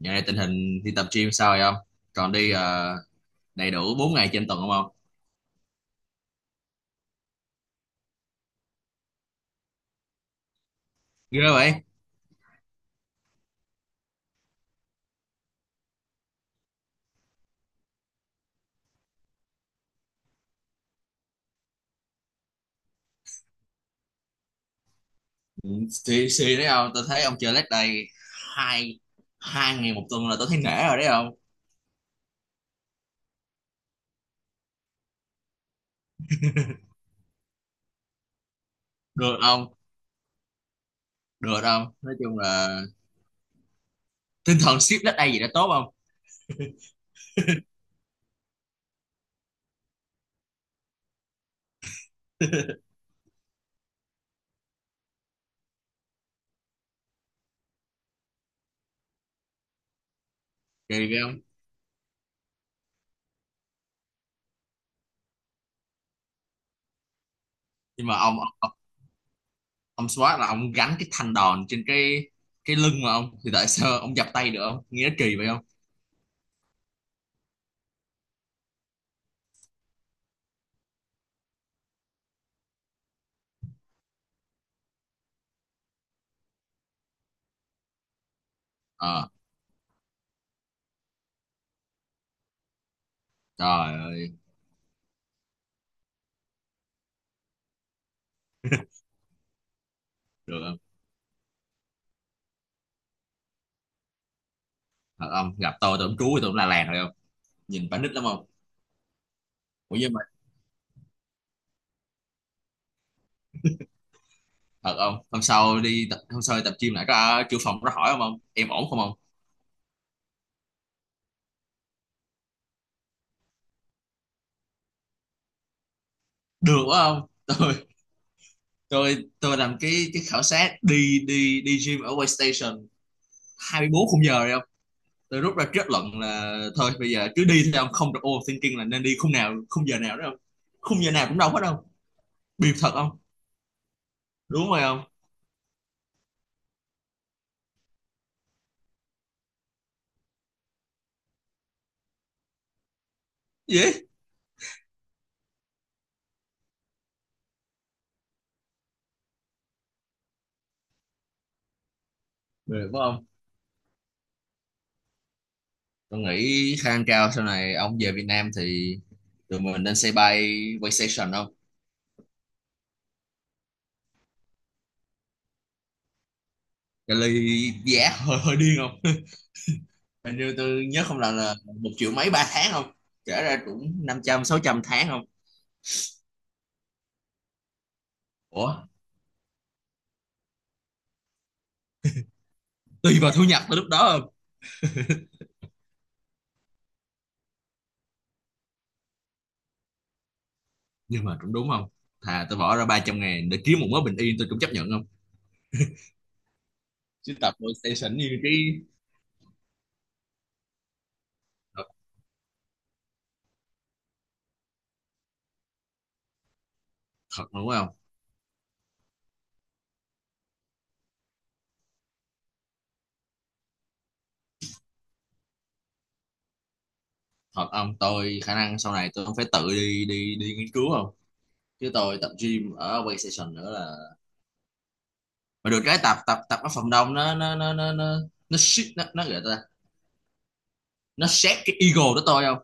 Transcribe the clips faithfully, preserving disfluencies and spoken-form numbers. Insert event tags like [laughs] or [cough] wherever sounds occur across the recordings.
Dạo này tình hình đi tập gym sao rồi không? Còn đi ờ, đầy đủ bốn ngày trên tuần không không? Ghê vậy? Ừ, xì xì đấy không? Tôi thấy ông chơi leg day hai hai ngày một tuần là tôi thấy nể rồi đấy không? Được không? Được không? Nói chung là tinh thần ship leg day gì đã tốt không? [laughs] Kỳ ghê không? Nhưng mà ông ông, ông, ông squat là ông gánh cái thanh đòn trên cái cái lưng mà ông, thì tại sao ông dập tay được không? Nghe nó kỳ vậy không? Ờ, trời ơi, được không? Thật không? Gặp tôi tôi cũng trú, tôi cũng la làng rồi không? Nhìn phải nít lắm không? Ủa nhưng mà thật không, hôm sau đi tập, hôm sau đi tập gym lại có chủ phòng có hỏi không, ông em ổn không ông? Được quá không. [laughs] tôi tôi tôi làm cái cái khảo sát đi đi đi gym ở Waystation hai mươi bốn khung giờ rồi không. Tôi rút ra kết luận là thôi bây giờ cứ đi thôi ông, không được overthinking là nên đi khung nào, khung giờ nào đó không. Khung giờ nào cũng đâu hết đâu biệt thật không. Đúng rồi không. Gì biệt phải không? Tôi nghĩ khả năng cao sau này ông về Việt Nam thì tụi mình nên xây bay Waystation không. Cái ly giá [laughs] hơi hơi điên không. Hình như tôi nhớ không lầm là một triệu mấy ba tháng không? Kể ra cũng năm trăm sáu trăm tháng không? Ủa, tùy vào thu nhập tới lúc đó không? Nhưng mà cũng đúng không? Thà tôi bỏ ra ba trăm ngàn để kiếm một mớ bình yên tôi cũng chấp nhận không? Chứ tập PlayStation như cái... Thật, thật đúng không? Thật ông, tôi khả năng sau này tôi không phải tự đi đi đi nghiên cứu không? Chứ tôi tập gym ở PlayStation nữa là... Mà được cái tập tập tập ở phòng đông nó nó nó nó nó nó shit, nó nó gọi ta, nó xét cái ego của tôi không?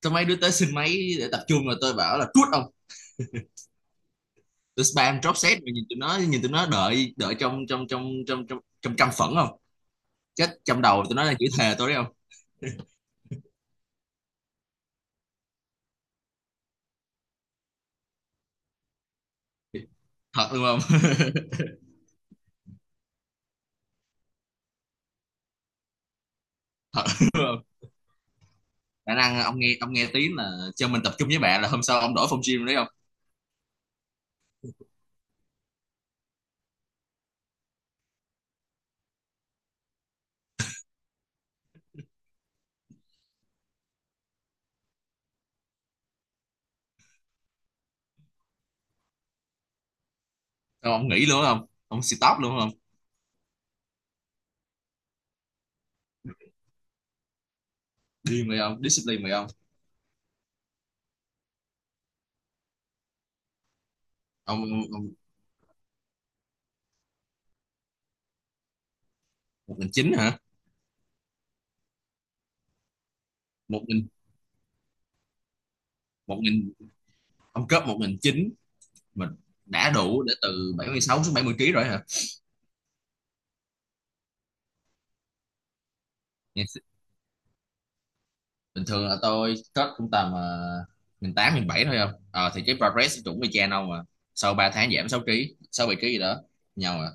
Tôi mấy đứa tới xin máy để tập trung rồi tôi bảo là cút ông. Tụi spam drop set mà nhìn tụi nó, nhìn tụi nó đợi đợi trong trong trong trong trong trong căm phẫn không, chết trong đầu tụi nó đang chửi thề tôi đấy không. Thật luôn không. [laughs] Thật luôn không, khả năng ông nghe, ông nghe tiếng là cho mình tập trung với bạn là hôm sau ông đổi phòng gym đấy không. Sao ông nghỉ luôn không, ông stop luôn không? Điên rồi không, discipline rồi không. Ông một nghìn chín hả? Một nghìn một nghìn Ông cấp một nghìn chín mình đã đủ để từ bảy mươi sáu xuống bảy mươi kg rồi hả? Nghe bình thường là tôi cất cũng tầm uh, mười tám bảy thôi không. Ờ thì cái progress cũng y chang đâu mà, sau ba tháng giảm sáu ký, sáu bảy ký gì đó nhau à.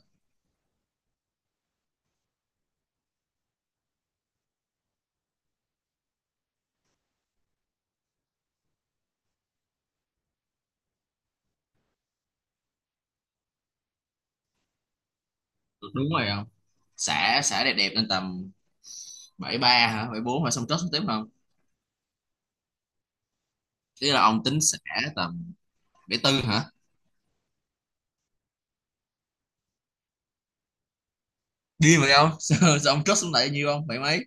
Đúng rồi không, xả xả đẹp đẹp lên tầm bảy ba hả, bảy bốn hả, xong cất xuống tiếp không? Thế là ông tính xả tầm bảy tư hả? Điên vậy không. [laughs] sao, sao ông cất xuống lại nhiêu không, bảy mấy?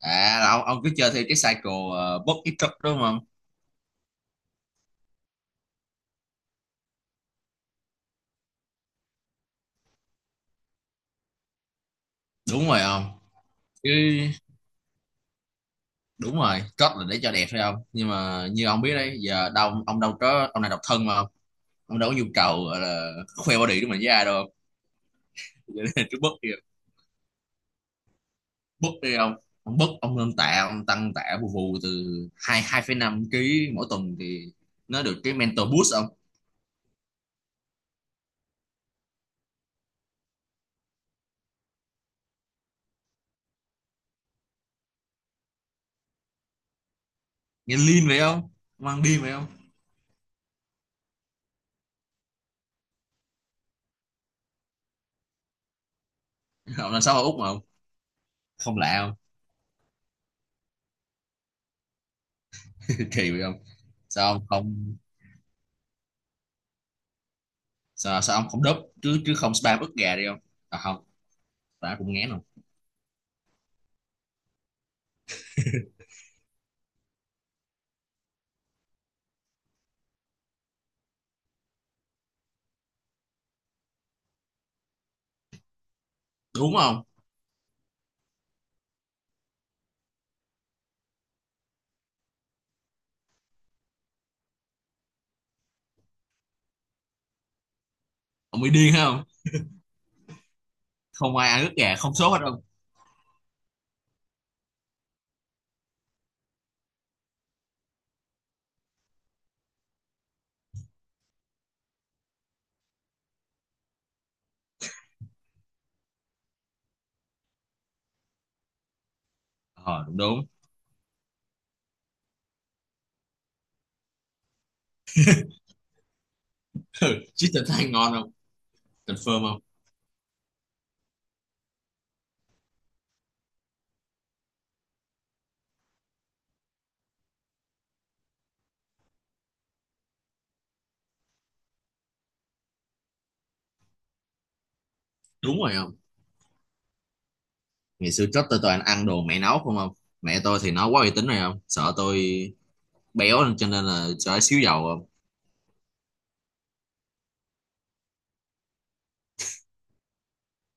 À là ông, ông cứ chơi theo cái cycle uh, box ít cất đúng không? Đúng rồi không. Chứ đúng rồi, cất là để cho đẹp phải không, nhưng mà như ông biết đấy, giờ đâu ông đâu có, ông này độc thân mà, ông đâu có nhu cầu gọi là khoe body của mình với ai đâu. [laughs] Cho nên cứ bớt đi, bớt đi ông. Ông bớt, ông lên tạ, ông tăng tạ vù vù từ hai hai phẩy năm ký mỗi tuần thì nó được cái mental boost ông. Nghe lean vậy không, ông ăn điên vậy không. [laughs] Ông làm sao ở Úc mà ông không lạ không, kỳ vậy không? Sao ông không, sao, sao ông không đớp chứ chứ không spam ức gà đi không? À không, ta cũng ngán không, đúng không? Ông mới điên hả không, không ai ăn ức gà không sốt hết không. Ờ à, đúng đúng. [laughs] Chứ thịt than ngon không, confirm không. Đúng rồi không. Ngày xưa trước tôi toàn ăn đồ mẹ nấu không không. Mẹ tôi thì nó quá uy tín rồi, không sợ tôi béo nên- cho nên là cho xíu dầu không.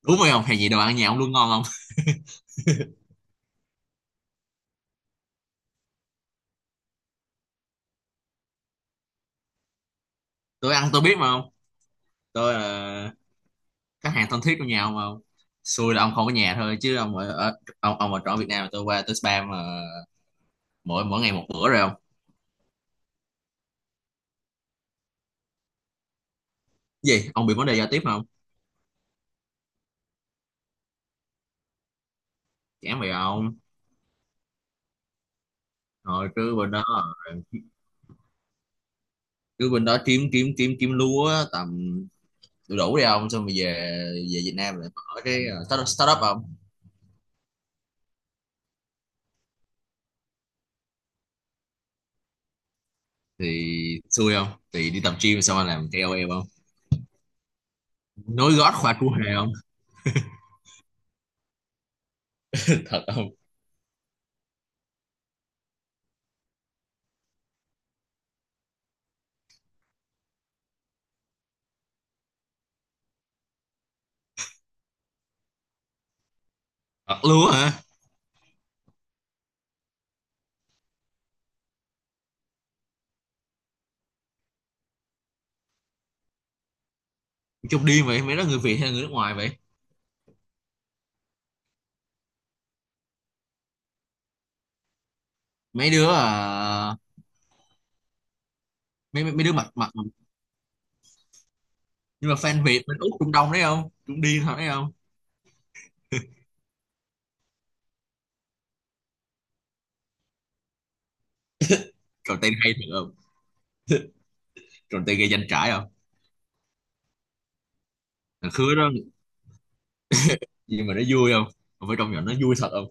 Đúng rồi không, hay gì đồ ăn nhà ông luôn ngon không. [laughs] Tôi ăn tôi biết mà không, tôi là khách hàng thân thiết của nhà ông mà không. Xui là ông không có nhà thôi, chứ ông ở, ở ông ông ở trọ Việt Nam là tôi qua tôi spam mà, mỗi mỗi ngày một bữa rồi không. Gì ông bị vấn đề giao tiếp không? Chán vậy ông. Rồi cứ bên đó, cứ bên đó kiếm kiếm kiếm kiếm lúa tầm đủ đủ đi ông, xong rồi về về Việt Nam lại mở cái ờ, start- startup không. Thì xui không thì đi tập gym xong anh làm ca ô lờ không, nối gót khoa cua hề không. [laughs] Thật không. Thật luôn hả, trong điên vậy, mấy đứa người Việt hay là người nước ngoài vậy? mấy đứa à, mấy mấy mấy đứa mặt mặt nhưng mà fan Việt bên Úc Trung Đông đấy không, cũng điên thật đấy không. Rồi tên hay thật không, rồi tên gây danh trải không. Thằng khứa đó, nhưng mà nó vui không, không phải trong nhỏ, nó vui thật không.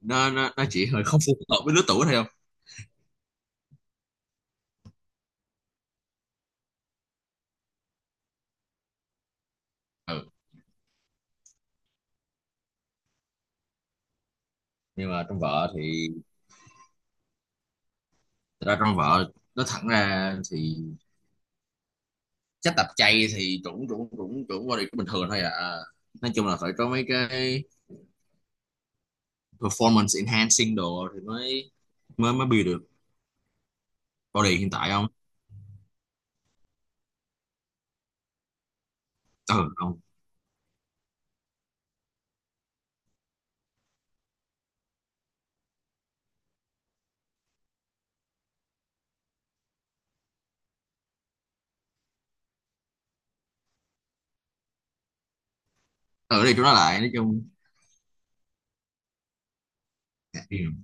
Nó nó, nó chỉ hơi không phù hợp với lứa tuổi thôi không. Ừ nhưng mà trong vợ thì, thật ra trong vợ nó thẳng ra thì chắc tập chay thì chuẩn, chuẩn chuẩn chuẩn body cũng bình thường thôi à. Nói chung là phải có mấy cái performance enhancing đồ thì mới mới mới build được body hiện tại không. Ừ không, ở đây chúng nó lại nói chung. Ừ,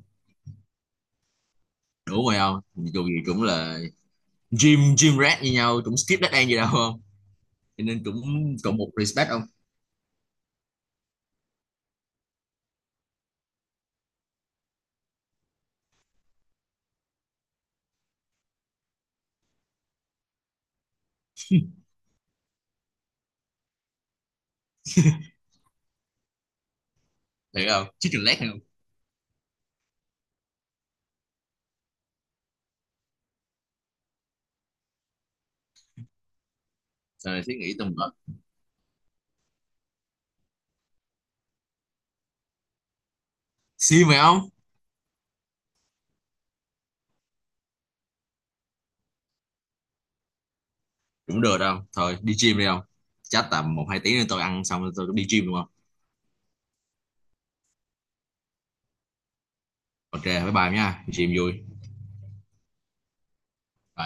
đủ rồi không, dù gì cũng là gym gym rat như nhau, cũng skip dead end gì đâu không, cho nên cũng cộng một respect không. Thiệt không, chứ leg hay không. Rồi suy nghĩ tầm cỡ siêu mày không. Cũng được đâu, thôi đi gym đi không. Chắc tầm một hai tiếng nữa tôi ăn xong rồi tôi cũng đi gym đúng không. Ok bye bye nha, đi gym vui. Bye.